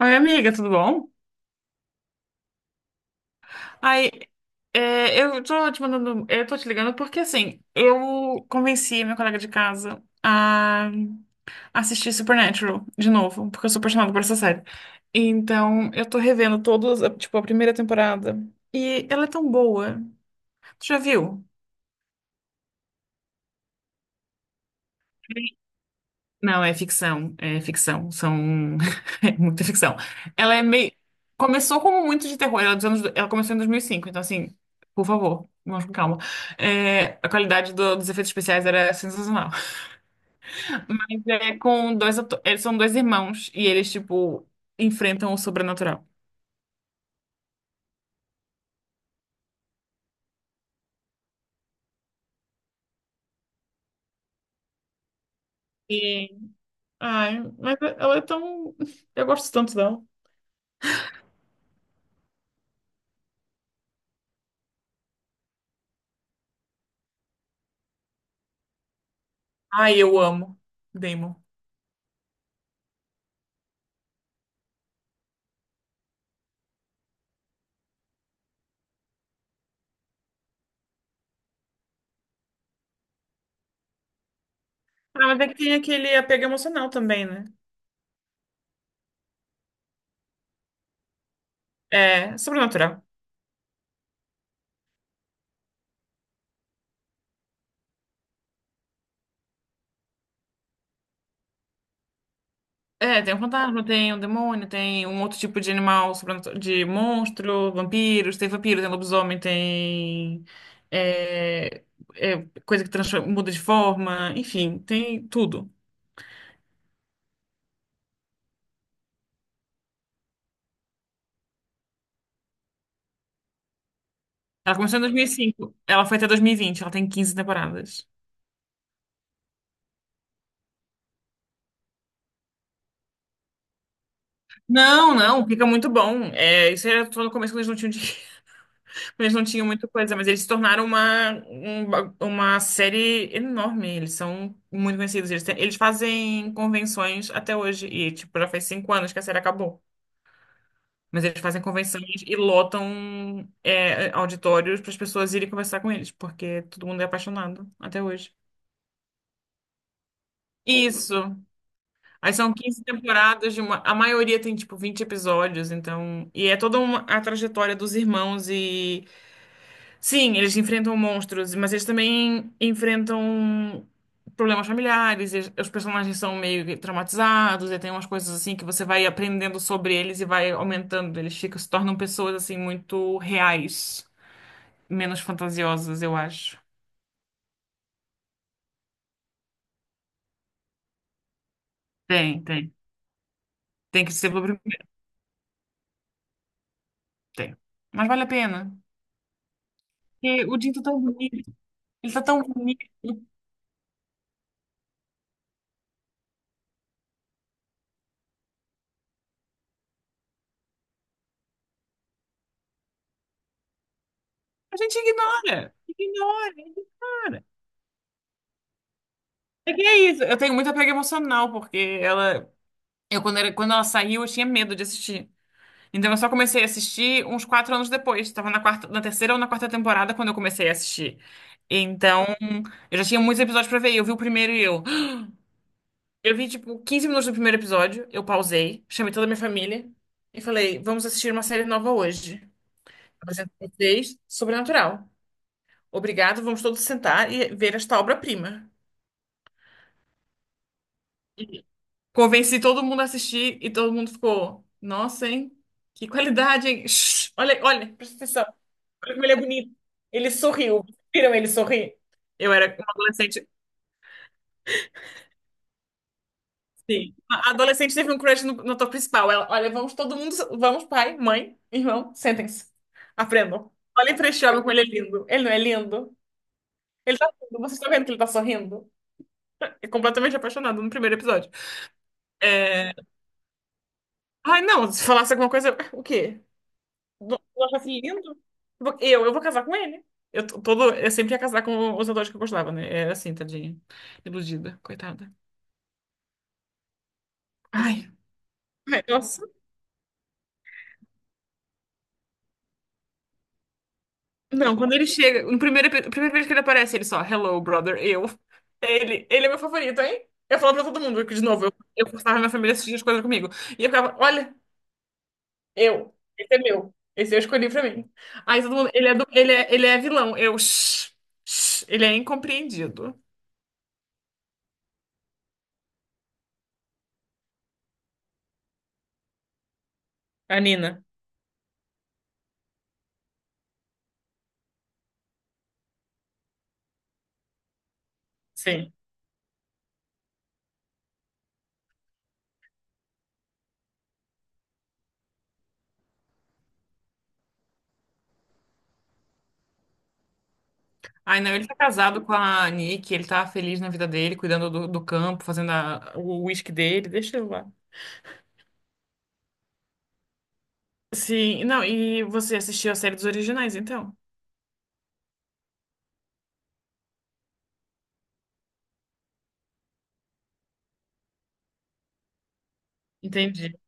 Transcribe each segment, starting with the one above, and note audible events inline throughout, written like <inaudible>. Oi, amiga, tudo bom? Ai, eu tô te mandando, eu tô te ligando porque assim, eu convenci meu colega de casa a assistir Supernatural de novo, porque eu sou apaixonada por essa série. Então, eu tô revendo todas, tipo, a primeira temporada. E ela é tão boa. Tu já viu? Não, é ficção, são <laughs> é muita ficção. Ela é meio começou como muito de terror, ela, é dos anos... ela começou em 2005, então assim, por favor, vamos com calma. É, a qualidade dos efeitos especiais era sensacional. <laughs> Mas é com eles são dois irmãos e eles tipo enfrentam o sobrenatural. E ai, mas ela é tão eu gosto tanto dela. Ai, eu amo Damon. Ah, mas é que tem aquele apego emocional também, né? É, sobrenatural. É, tem um fantasma, tem um demônio, tem um outro tipo de animal, de monstro, vampiros, tem vampiro, tem lobisomem, tem é, coisa que muda de forma, enfim, tem tudo. Ela começou em 2005, ela foi até 2020, ela tem 15 temporadas. Não, não, fica muito bom. É, isso era só no começo quando eles não tinham. Eles não tinham muita coisa, mas eles se tornaram uma série enorme. Eles são muito conhecidos. Eles, eles fazem convenções até hoje. E, tipo, já faz 5 anos que a série acabou. Mas eles fazem convenções e lotam auditórios para as pessoas irem conversar com eles, porque todo mundo é apaixonado até hoje. Isso. Aí são 15 temporadas de uma. A maioria tem, tipo, 20 episódios, então. E é toda uma, a trajetória dos irmãos e sim, eles enfrentam monstros, mas eles também enfrentam problemas familiares. Eles- os personagens são meio que traumatizados, e tem umas coisas assim que você vai aprendendo sobre eles e vai aumentando. Eles ficam, se tornam pessoas assim muito reais, menos fantasiosas, eu acho. Tem, tem. Tem que ser pelo primeiro. Tem. Mas vale a pena. Porque o Jim tá tão bonito. Ele tá tão bonito. A gente ignora. Ignora, ignora. É que é isso. Eu tenho muito apego emocional, porque ela. Quando ela saiu, eu tinha medo de assistir. Então, eu só comecei a assistir uns 4 anos depois. Estava na quarta, na terceira ou na quarta temporada quando eu comecei a assistir. Então, eu já tinha muitos episódios pra ver. Eu vi o primeiro e eu. <gasps> Eu vi, tipo, 15 minutos do primeiro episódio. Eu pausei, chamei toda a minha família e falei: vamos assistir uma série nova hoje. Apresento pra vocês Sobrenatural. Obrigado, vamos todos sentar e ver esta obra-prima. Convenci todo mundo a assistir e todo mundo ficou, nossa, hein? Que qualidade, hein? Shhh, olha, olha, presta atenção. Olha como ele é bonito. Ele sorriu. Viram ele sorrir? Eu era uma adolescente. Sim. A adolescente teve um crush no ator principal. Ela, olha, vamos todo mundo. Vamos, pai, mãe, irmão, sentem-se. Aprendam. Olhem pra este homem como ele é lindo. Ele não é lindo? Ele tá lindo. Vocês estão vendo que ele tá sorrindo? É completamente apaixonado no primeiro episódio. É... Ai, não, se falasse alguma coisa. O quê? Não não achasse lindo? Eu vou casar com ele. Eu sempre ia casar com os atores que eu gostava, né? Era assim, tadinha. Iludida, coitada. Ai, ai, nossa. Não, quando ele chega, no primeiro, epi- primeira vez que ele aparece, ele só, hello, brother, eu. Ele é meu favorito, hein? Eu falo pra todo mundo, que de novo, eu forçava minha família a assistir as coisas comigo. E eu ficava, olha, eu, esse é meu. Esse eu escolhi pra mim. Aí todo mundo, ele é vilão. Eu, shh, shh, ele é incompreendido. A Nina. Sim. Ai, não, ele tá casado com a Nick, ele tá feliz na vida dele, cuidando do campo, o uísque dele, deixa eu lá. Sim, não, e você assistiu a série dos originais, então? Entendi.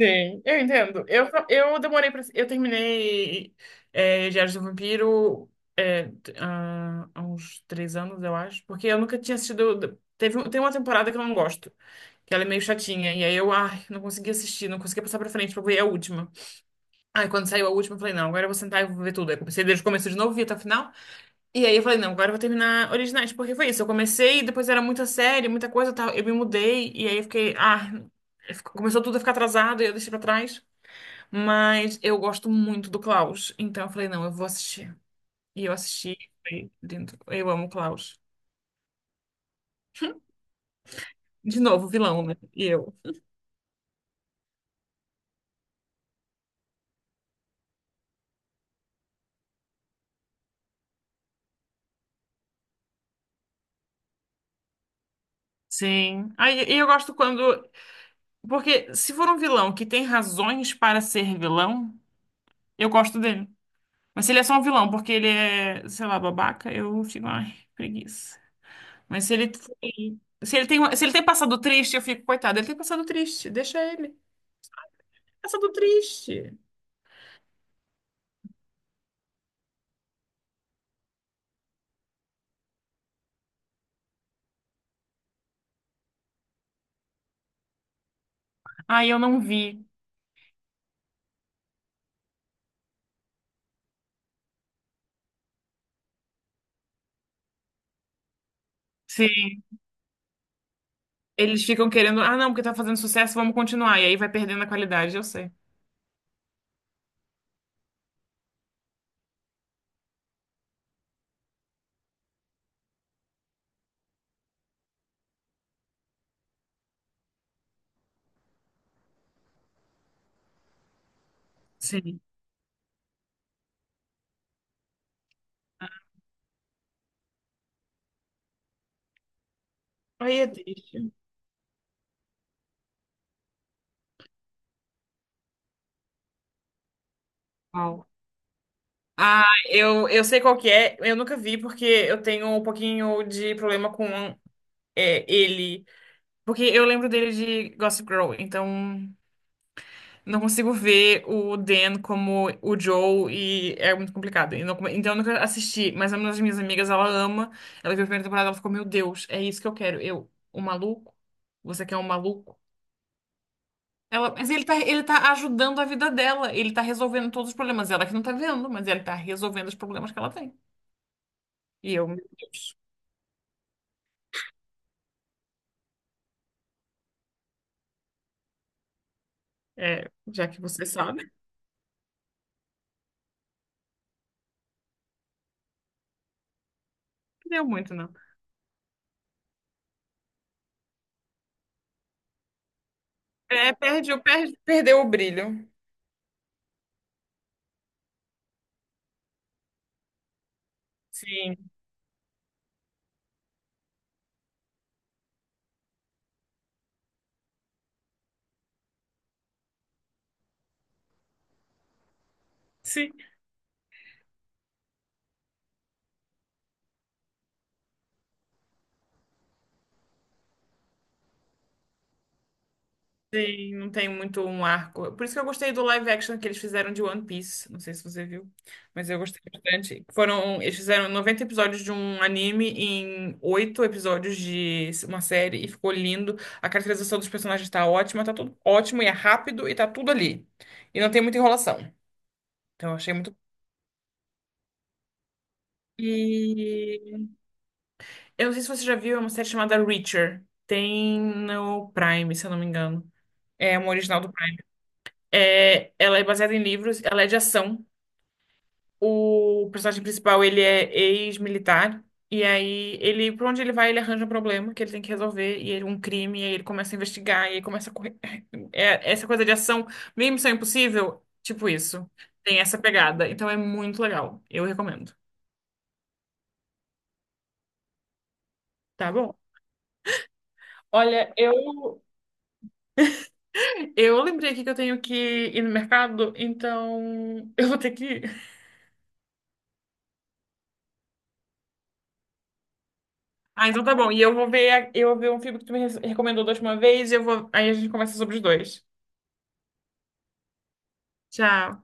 Sim, eu entendo. Eu demorei pra. Eu terminei Diários do Vampiro há uns 3 anos, eu acho, porque eu nunca tinha assistido. Tem uma temporada que eu não gosto, que ela é meio chatinha, e aí eu, ai, não consegui assistir, não consegui passar pra frente pra ver a última. Aí quando saiu a última, eu falei, não, agora eu vou sentar e vou ver tudo. Aí comecei desde o começo de novo, vi até o final. E aí eu falei, não, agora eu vou terminar Originais, porque foi isso. Eu comecei, depois era muita série, muita coisa e tal. Eu me mudei, e aí eu fiquei, ah, começou tudo a ficar atrasado e eu deixei pra trás. Mas eu gosto muito do Klaus. Então eu falei, não, eu vou assistir. E eu assisti, foi lindo. Eu amo o Klaus. De novo, vilão, né? E eu. Sim. Aí e eu gosto quando. Porque se for um vilão que tem razões para ser vilão, eu gosto dele. Mas se ele é só um vilão, porque ele é, sei lá, babaca, eu fico, ai, preguiça. Mas se ele tem, se ele tem passado triste, eu fico, coitado, ele tem passado triste, deixa ele. Passado triste. Ai, eu não vi. Sim. Eles ficam querendo, ah, não, porque tá fazendo sucesso, vamos continuar. E aí vai perdendo a qualidade, eu sei. Sim. Aí é triste. Uau. Ah, eu sei qual que é, eu nunca vi, porque eu tenho um pouquinho de problema com ele. Porque eu lembro dele de Gossip Girl, então não consigo ver o Dan como o Joe e é muito complicado. E então eu nunca assisti, mas é uma das minhas amigas, ela ama. Ela viu a primeira temporada, ela ficou, meu Deus, é isso que eu quero. Eu, um maluco? Você quer um maluco? Ela, mas ele tá ajudando a vida dela, ele tá resolvendo todos os problemas. Ela que não tá vendo, mas ele tá resolvendo os problemas que ela tem. E eu, já que você sabe, <laughs> não deu muito, não. É, perdeu, perdeu o brilho. Sim, sim. Sim, não tem muito um arco. Por isso que eu gostei do live action que eles fizeram de One Piece. Não sei se você viu, mas eu gostei bastante. Foram, eles fizeram 90 episódios de um anime em 8 episódios de uma série e ficou lindo. A caracterização dos personagens tá ótima, tá tudo ótimo e é rápido e tá tudo ali. E não tem muita enrolação. Então eu achei muito. E eu não sei se você já viu, é uma série chamada Reacher. Tem no Prime, se eu não me engano. É uma original do Prime. É, ela é baseada em livros, ela é de ação. O personagem principal, ele é ex-militar. E aí, ele, por onde ele vai, ele arranja um problema que ele tem que resolver. E ele, um crime, e aí ele começa a investigar. E aí começa a correr. <laughs> É, essa coisa de ação, meio Missão Impossível, tipo isso. Tem essa pegada. Então é muito legal. Eu recomendo. Tá bom? Olha, eu lembrei aqui que eu tenho que ir no mercado, então <laughs> eu vou ter que ir. Ah, então tá bom. E eu vou ver, eu vou ver um filme que tu me recomendou da última vez e eu vou, aí a gente conversa sobre os dois. Tchau.